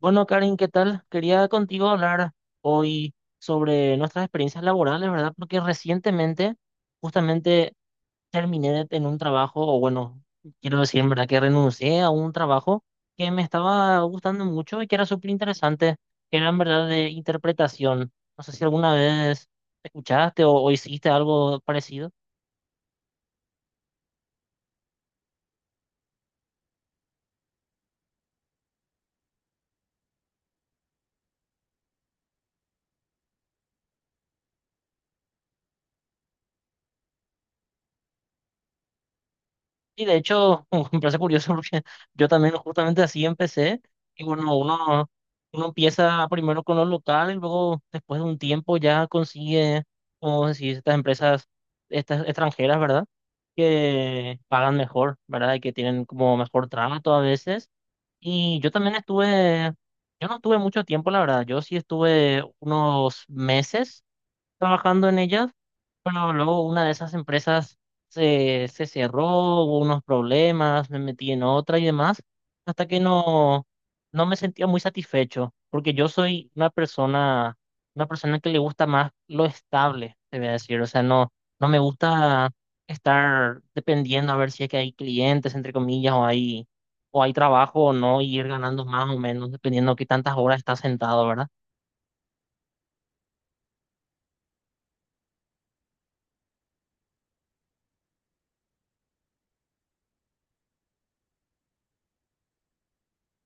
Bueno, Karin, ¿qué tal? Quería contigo hablar hoy sobre nuestras experiencias laborales, ¿verdad? Porque recientemente justamente terminé en un trabajo, o bueno, quiero decir, en verdad, que renuncié a un trabajo que me estaba gustando mucho y que era súper interesante, que era en verdad de interpretación. No sé si alguna vez escuchaste o hiciste algo parecido. Y de hecho, me parece curioso porque yo también justamente así empecé. Y bueno, uno empieza primero con lo local y luego después de un tiempo ya consigue, como decir, estas empresas estas extranjeras, ¿verdad? Que pagan mejor, ¿verdad? Y que tienen como mejor trato a veces. Y yo también estuve, yo no estuve mucho tiempo, la verdad. Yo sí estuve unos meses trabajando en ellas, pero luego una de esas empresas se cerró, hubo unos problemas, me metí en otra y demás, hasta que no, no me sentía muy satisfecho, porque yo soy una persona que le gusta más lo estable, te voy a decir, o sea, no, no me gusta estar dependiendo a ver si es que hay clientes, entre comillas, o hay, trabajo o no, y ir ganando más o menos, dependiendo de qué tantas horas estás sentado, ¿verdad?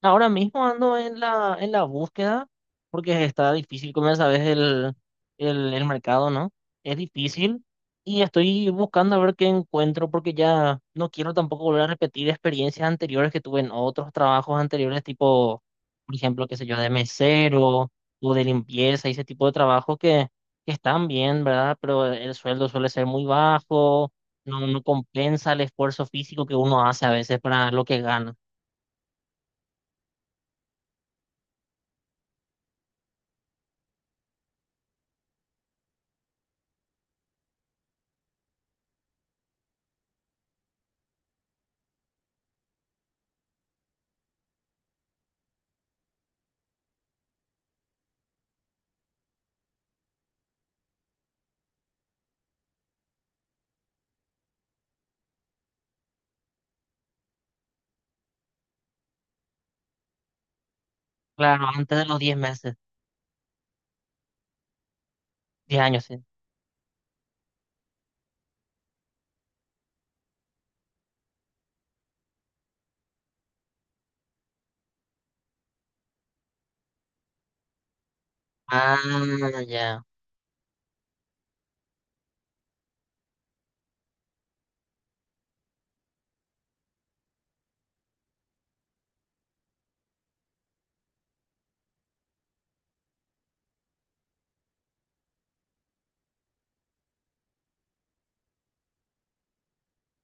Ahora mismo ando en la, búsqueda porque está difícil, como ya sabes, el mercado, ¿no? Es difícil y estoy buscando a ver qué encuentro porque ya no quiero tampoco volver a repetir experiencias anteriores que tuve en otros trabajos anteriores, tipo, por ejemplo, qué sé yo, de mesero o de limpieza y ese tipo de trabajos que están bien, ¿verdad? Pero el sueldo suele ser muy bajo, no, no compensa el esfuerzo físico que uno hace a veces para lo que gana. Claro, antes de los 10 meses, 10 años, sí. Ah, ya.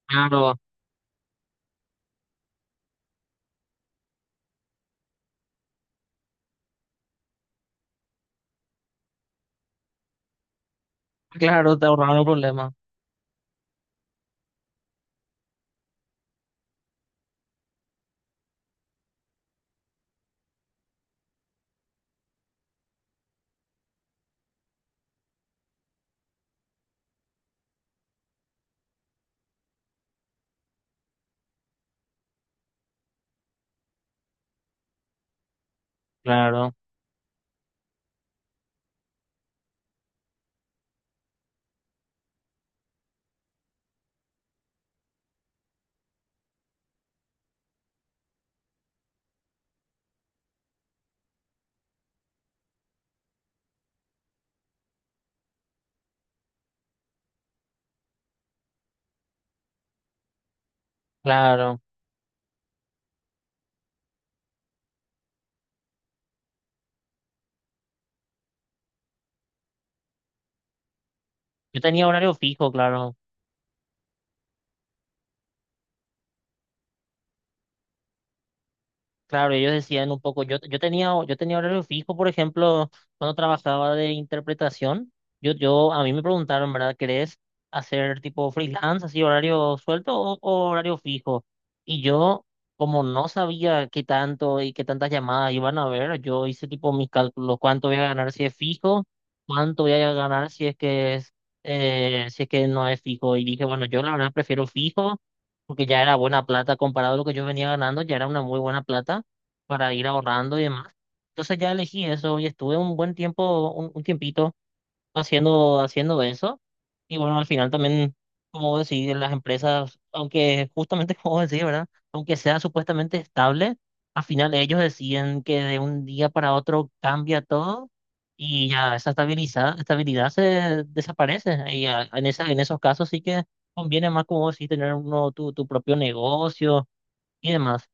Claro, claro, te ahorraron un problema. Claro, claro. Yo tenía horario fijo, claro. Claro, ellos decían un poco, yo, yo tenía horario fijo, por ejemplo, cuando trabajaba de interpretación, a mí me preguntaron, ¿verdad? ¿Querés hacer tipo freelance, así horario suelto o horario fijo? Y yo, como no sabía qué tanto y qué tantas llamadas iban a haber, yo hice tipo mis cálculos, cuánto voy a ganar si es fijo, cuánto voy a ganar si es que es, si es que no es fijo. Y dije, bueno, yo la verdad prefiero fijo porque ya era buena plata comparado a lo que yo venía ganando, ya era una muy buena plata para ir ahorrando y demás. Entonces ya elegí eso y estuve un buen tiempo, un tiempito haciendo eso. Y bueno, al final también, como decir, las empresas, aunque justamente como decir, ¿verdad? Aunque sea supuestamente estable, al final ellos deciden que de un día para otro cambia todo y ya esa estabilidad se desaparece. Y ya en esos casos sí que conviene más, como decir, tener uno tu, propio negocio y demás,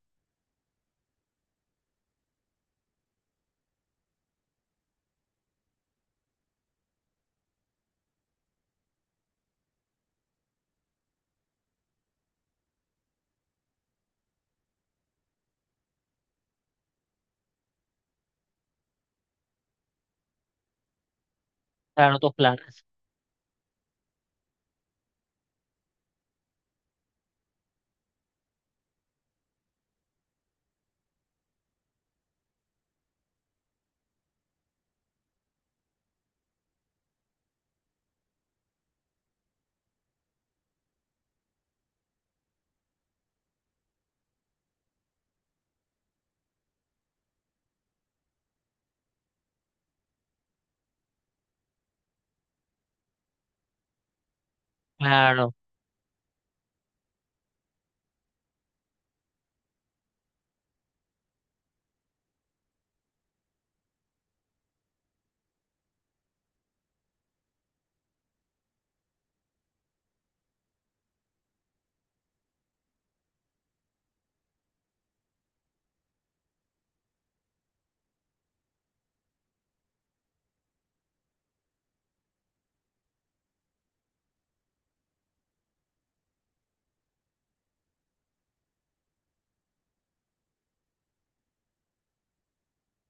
claro, tus planes. Claro.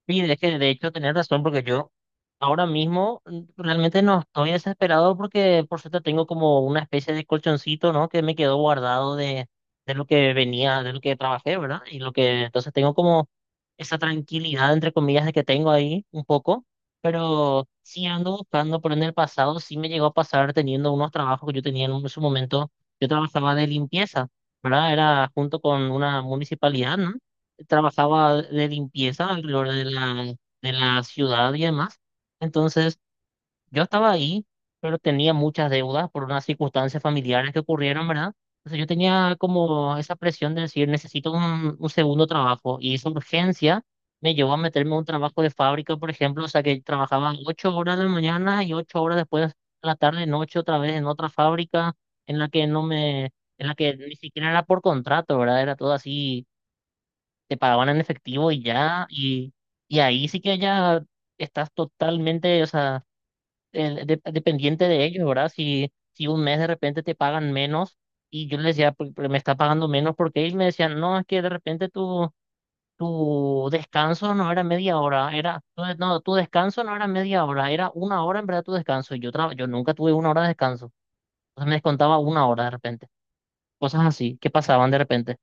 Sí, de que de hecho tenés razón porque yo ahora mismo realmente no estoy desesperado porque por suerte tengo como una especie de colchoncito, ¿no? Que me quedó guardado de lo que venía, de lo que trabajé, ¿verdad? Y lo que entonces tengo como esa tranquilidad, entre comillas, de que tengo ahí un poco, pero sí ando buscando, pero en el pasado sí me llegó a pasar teniendo unos trabajos que yo tenía en su momento, yo trabajaba de limpieza, ¿verdad? Era junto con una municipalidad, ¿no? Trabajaba de limpieza alrededor de la, ciudad y demás. Entonces, yo estaba ahí, pero tenía muchas deudas por unas circunstancias familiares que ocurrieron, ¿verdad? Entonces, yo tenía como esa presión de decir, necesito un segundo trabajo. Y esa urgencia me llevó a meterme a un trabajo de fábrica, por ejemplo, o sea, que trabajaba 8 horas de la mañana y 8 horas después, a la tarde, noche, otra vez en otra fábrica en la que no me... en la que ni siquiera era por contrato, ¿verdad? Era todo así te pagaban en efectivo y ya, y ahí sí que ya estás totalmente, o sea, dependiente de ellos, ¿verdad? Si un mes de repente te pagan menos y yo les decía, "Pero me está pagando menos porque ellos me decían, no, es que de repente tu descanso no era media hora, era, no, no, tu descanso no era media hora, era una hora en verdad tu descanso, y yo, yo nunca tuve una hora de descanso, entonces me descontaba una hora de repente, cosas así que pasaban de repente,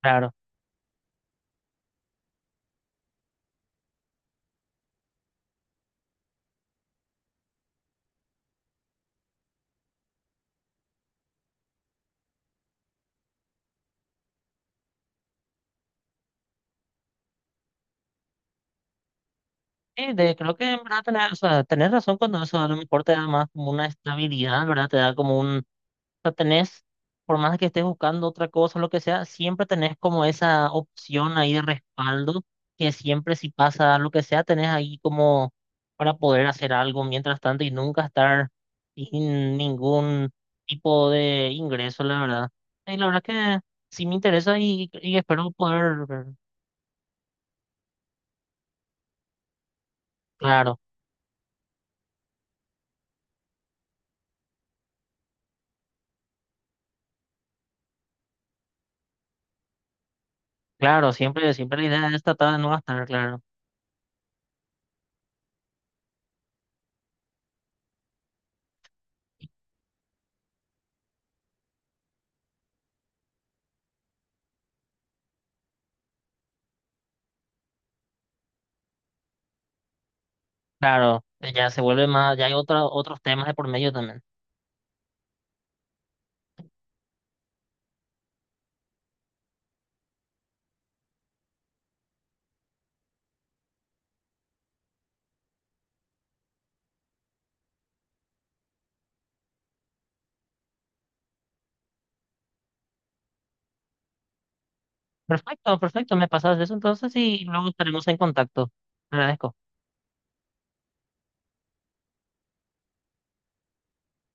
claro. Sí, creo que en verdad tenés, o sea, tenés razón cuando eso a lo mejor te da más como una estabilidad, ¿verdad? Te da como o sea, tenés, por más que estés buscando otra cosa, lo que sea, siempre tenés como esa opción ahí de respaldo, que siempre si pasa lo que sea, tenés ahí como para poder hacer algo mientras tanto y nunca estar sin ningún tipo de ingreso, la verdad. Y la verdad que sí me interesa y espero poder, claro, claro, siempre la idea es tratar de no gastar, claro. Claro, ya se vuelve más, ya hay otros temas de por medio también. Perfecto, perfecto, me pasas eso entonces y luego estaremos en contacto. Te agradezco.